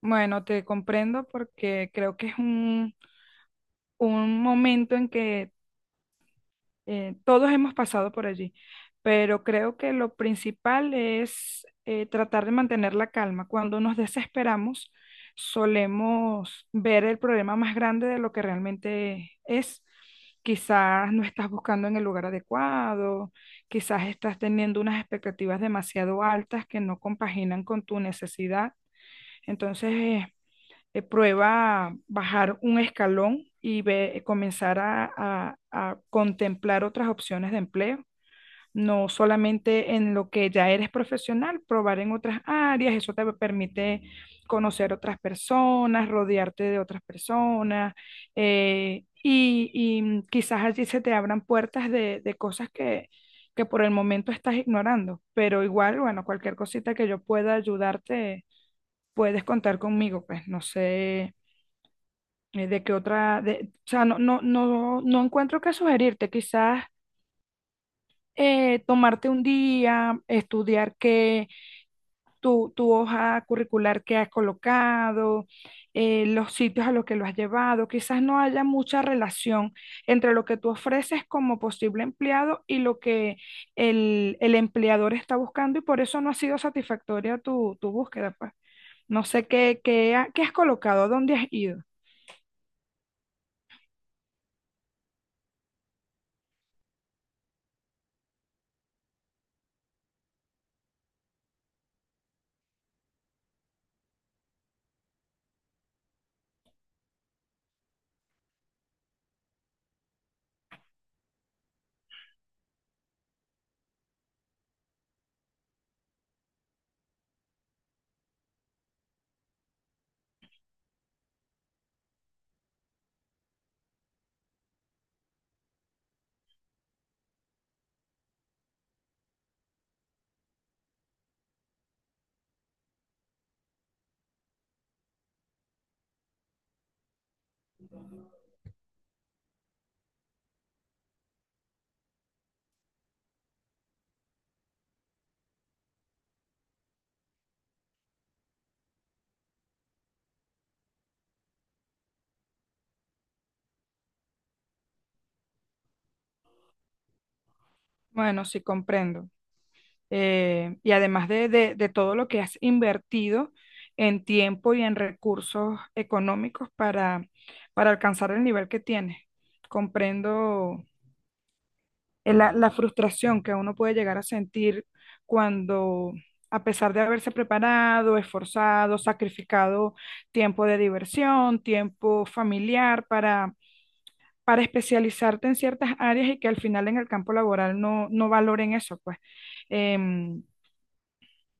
Bueno, te comprendo porque creo que es un momento en que todos hemos pasado por allí, pero creo que lo principal es tratar de mantener la calma. Cuando nos desesperamos, solemos ver el problema más grande de lo que realmente es. Quizás no estás buscando en el lugar adecuado, quizás estás teniendo unas expectativas demasiado altas que no compaginan con tu necesidad. Entonces, prueba bajar un escalón y comenzar a contemplar otras opciones de empleo. No solamente en lo que ya eres profesional, probar en otras áreas, eso te permite conocer otras personas, rodearte de otras personas, y quizás allí se te abran puertas de cosas que por el momento estás ignorando, pero igual, bueno, cualquier cosita que yo pueda ayudarte, puedes contar conmigo, pues no sé. De que otra, de, o sea, no encuentro qué sugerirte. Quizás tomarte un día, estudiar qué, tu hoja curricular que has colocado, los sitios a los que lo has llevado. Quizás no haya mucha relación entre lo que tú ofreces como posible empleado y lo que el empleador está buscando y por eso no ha sido satisfactoria tu búsqueda, pues. No sé qué has colocado, dónde has ido. Bueno, sí, comprendo. Y además de, de todo lo que has invertido en tiempo y en recursos económicos para alcanzar el nivel que tienes. Comprendo la frustración que uno puede llegar a sentir cuando, a pesar de haberse preparado, esforzado, sacrificado tiempo de diversión, tiempo familiar para especializarte en ciertas áreas y que al final en el campo laboral no, no valoren eso, pues. Em,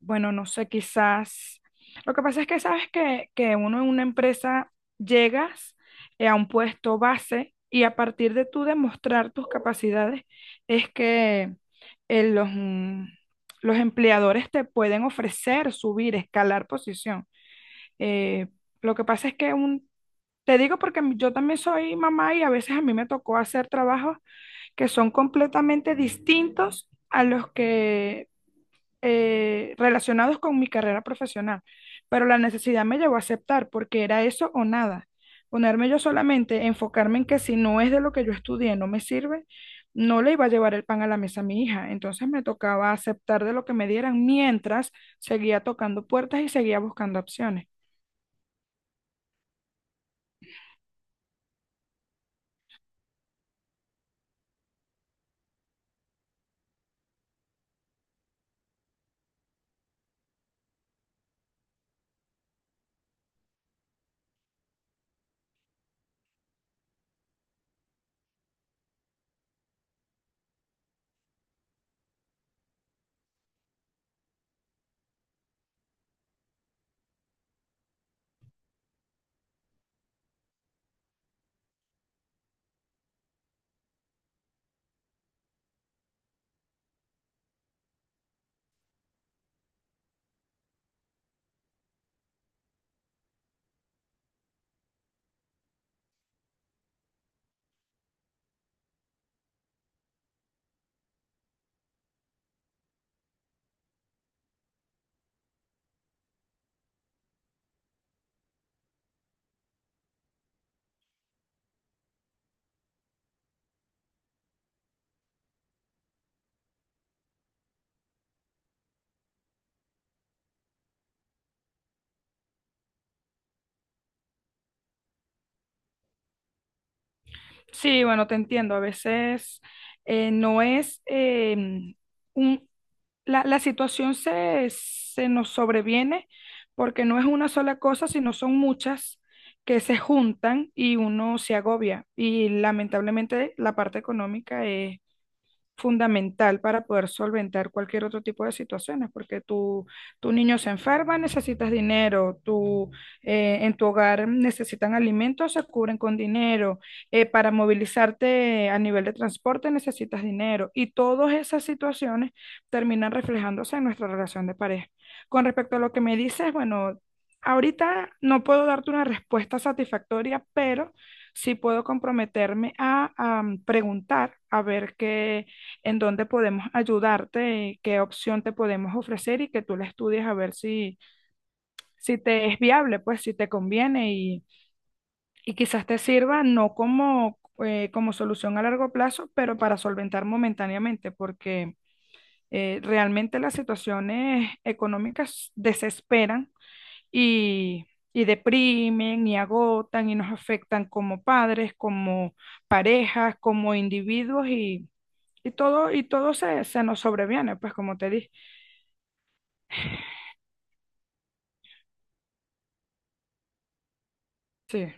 bueno, no sé, quizás. Lo que pasa es que sabes que uno en una empresa llegas a un puesto base y a partir de tú demostrar tus capacidades es que eh, los, mm, los empleadores te pueden ofrecer subir, escalar posición. Eh, lo que pasa es que un, te digo porque yo también soy mamá y a veces a mí me tocó hacer trabajos que son completamente distintos a los que relacionados con mi carrera profesional, pero la necesidad me llevó a aceptar porque era eso o nada. Ponerme yo solamente, enfocarme en que si no es de lo que yo estudié, no me sirve, no le iba a llevar el pan a la mesa a mi hija. Entonces me tocaba aceptar de lo que me dieran mientras seguía tocando puertas y seguía buscando opciones. Sí, bueno, te entiendo. A veces no es un. La situación se nos sobreviene porque no es una sola cosa, sino son muchas que se juntan y uno se agobia. Y lamentablemente la parte económica es fundamental para poder solventar cualquier otro tipo de situaciones, porque tu niño se enferma, necesitas dinero, tu, en tu hogar necesitan alimentos, se cubren con dinero, para movilizarte a nivel de transporte necesitas dinero y todas esas situaciones terminan reflejándose en nuestra relación de pareja. Con respecto a lo que me dices, bueno, ahorita no puedo darte una respuesta satisfactoria, pero sí puedo comprometerme a preguntar, a ver qué, en dónde podemos ayudarte, qué opción te podemos ofrecer y que tú la estudies a ver si, si te es viable, pues si te conviene y quizás te sirva no como, como solución a largo plazo, pero para solventar momentáneamente, porque realmente las situaciones económicas desesperan y, y deprimen y agotan y nos afectan como padres, como parejas, como individuos y todo se nos sobreviene, pues como te dije. Sí,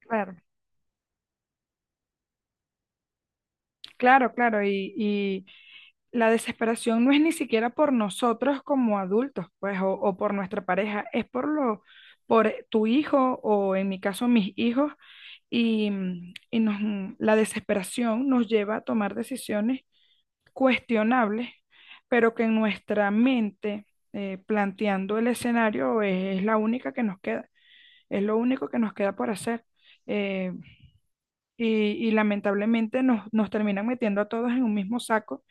claro, claro, claro. Y la desesperación no es ni siquiera por nosotros como adultos, pues, o por nuestra pareja, es por lo, por tu hijo o en mi caso mis hijos. Y la desesperación nos lleva a tomar decisiones cuestionables, pero que en nuestra mente, planteando el escenario, es la única que nos queda, es lo único que nos queda por hacer. Eh, y, y lamentablemente nos, nos terminan metiendo a todos en un mismo saco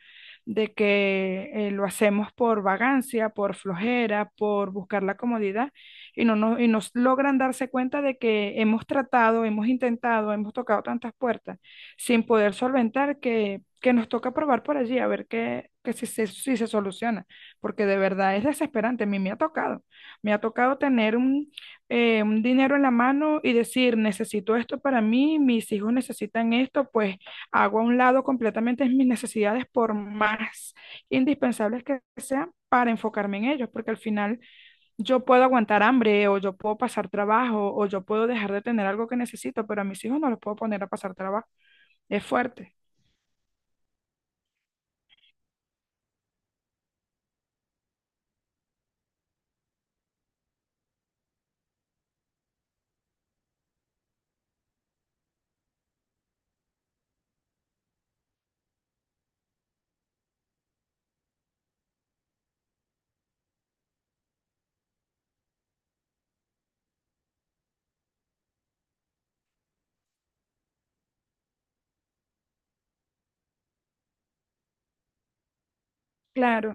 de que lo hacemos por vagancia, por flojera, por buscar la comodidad y no nos, y nos logran darse cuenta de que hemos tratado, hemos intentado, hemos tocado tantas puertas sin poder solventar que nos toca probar por allí a ver qué, que si se, si se soluciona, porque de verdad es desesperante. A mí me ha tocado tener un dinero en la mano y decir, necesito esto para mí, mis hijos necesitan esto, pues hago a un lado completamente mis necesidades por más indispensables que sean para enfocarme en ellos, porque al final yo puedo aguantar hambre o yo puedo pasar trabajo o yo puedo dejar de tener algo que necesito, pero a mis hijos no los puedo poner a pasar trabajo. Es fuerte. Claro.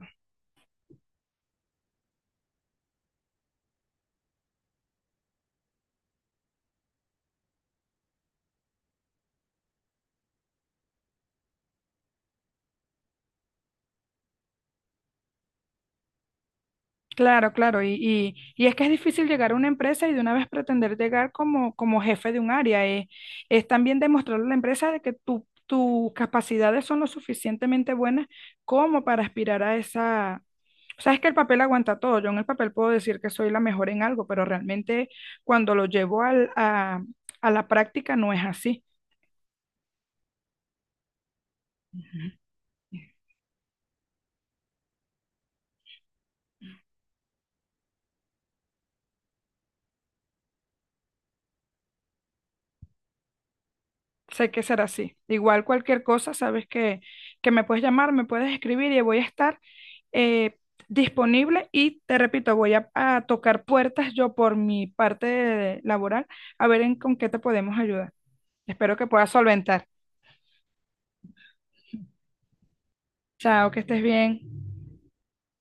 Claro, claro, y es que es difícil llegar a una empresa y de una vez pretender llegar como, como jefe de un área. Es también demostrarle a la empresa de que tus capacidades son lo suficientemente buenas como para aspirar a esa... O sea, es que el papel aguanta todo. Yo en el papel puedo decir que soy la mejor en algo, pero realmente cuando lo llevo a la práctica no es así. Ujú. Sé que será así. Igual cualquier cosa, sabes que me puedes llamar, me puedes escribir y voy a estar eh, disponible y te repito, voy a tocar puertas yo por mi parte laboral a ver en con qué te podemos ayudar. Espero que puedas solventar. Chao, que estés bien.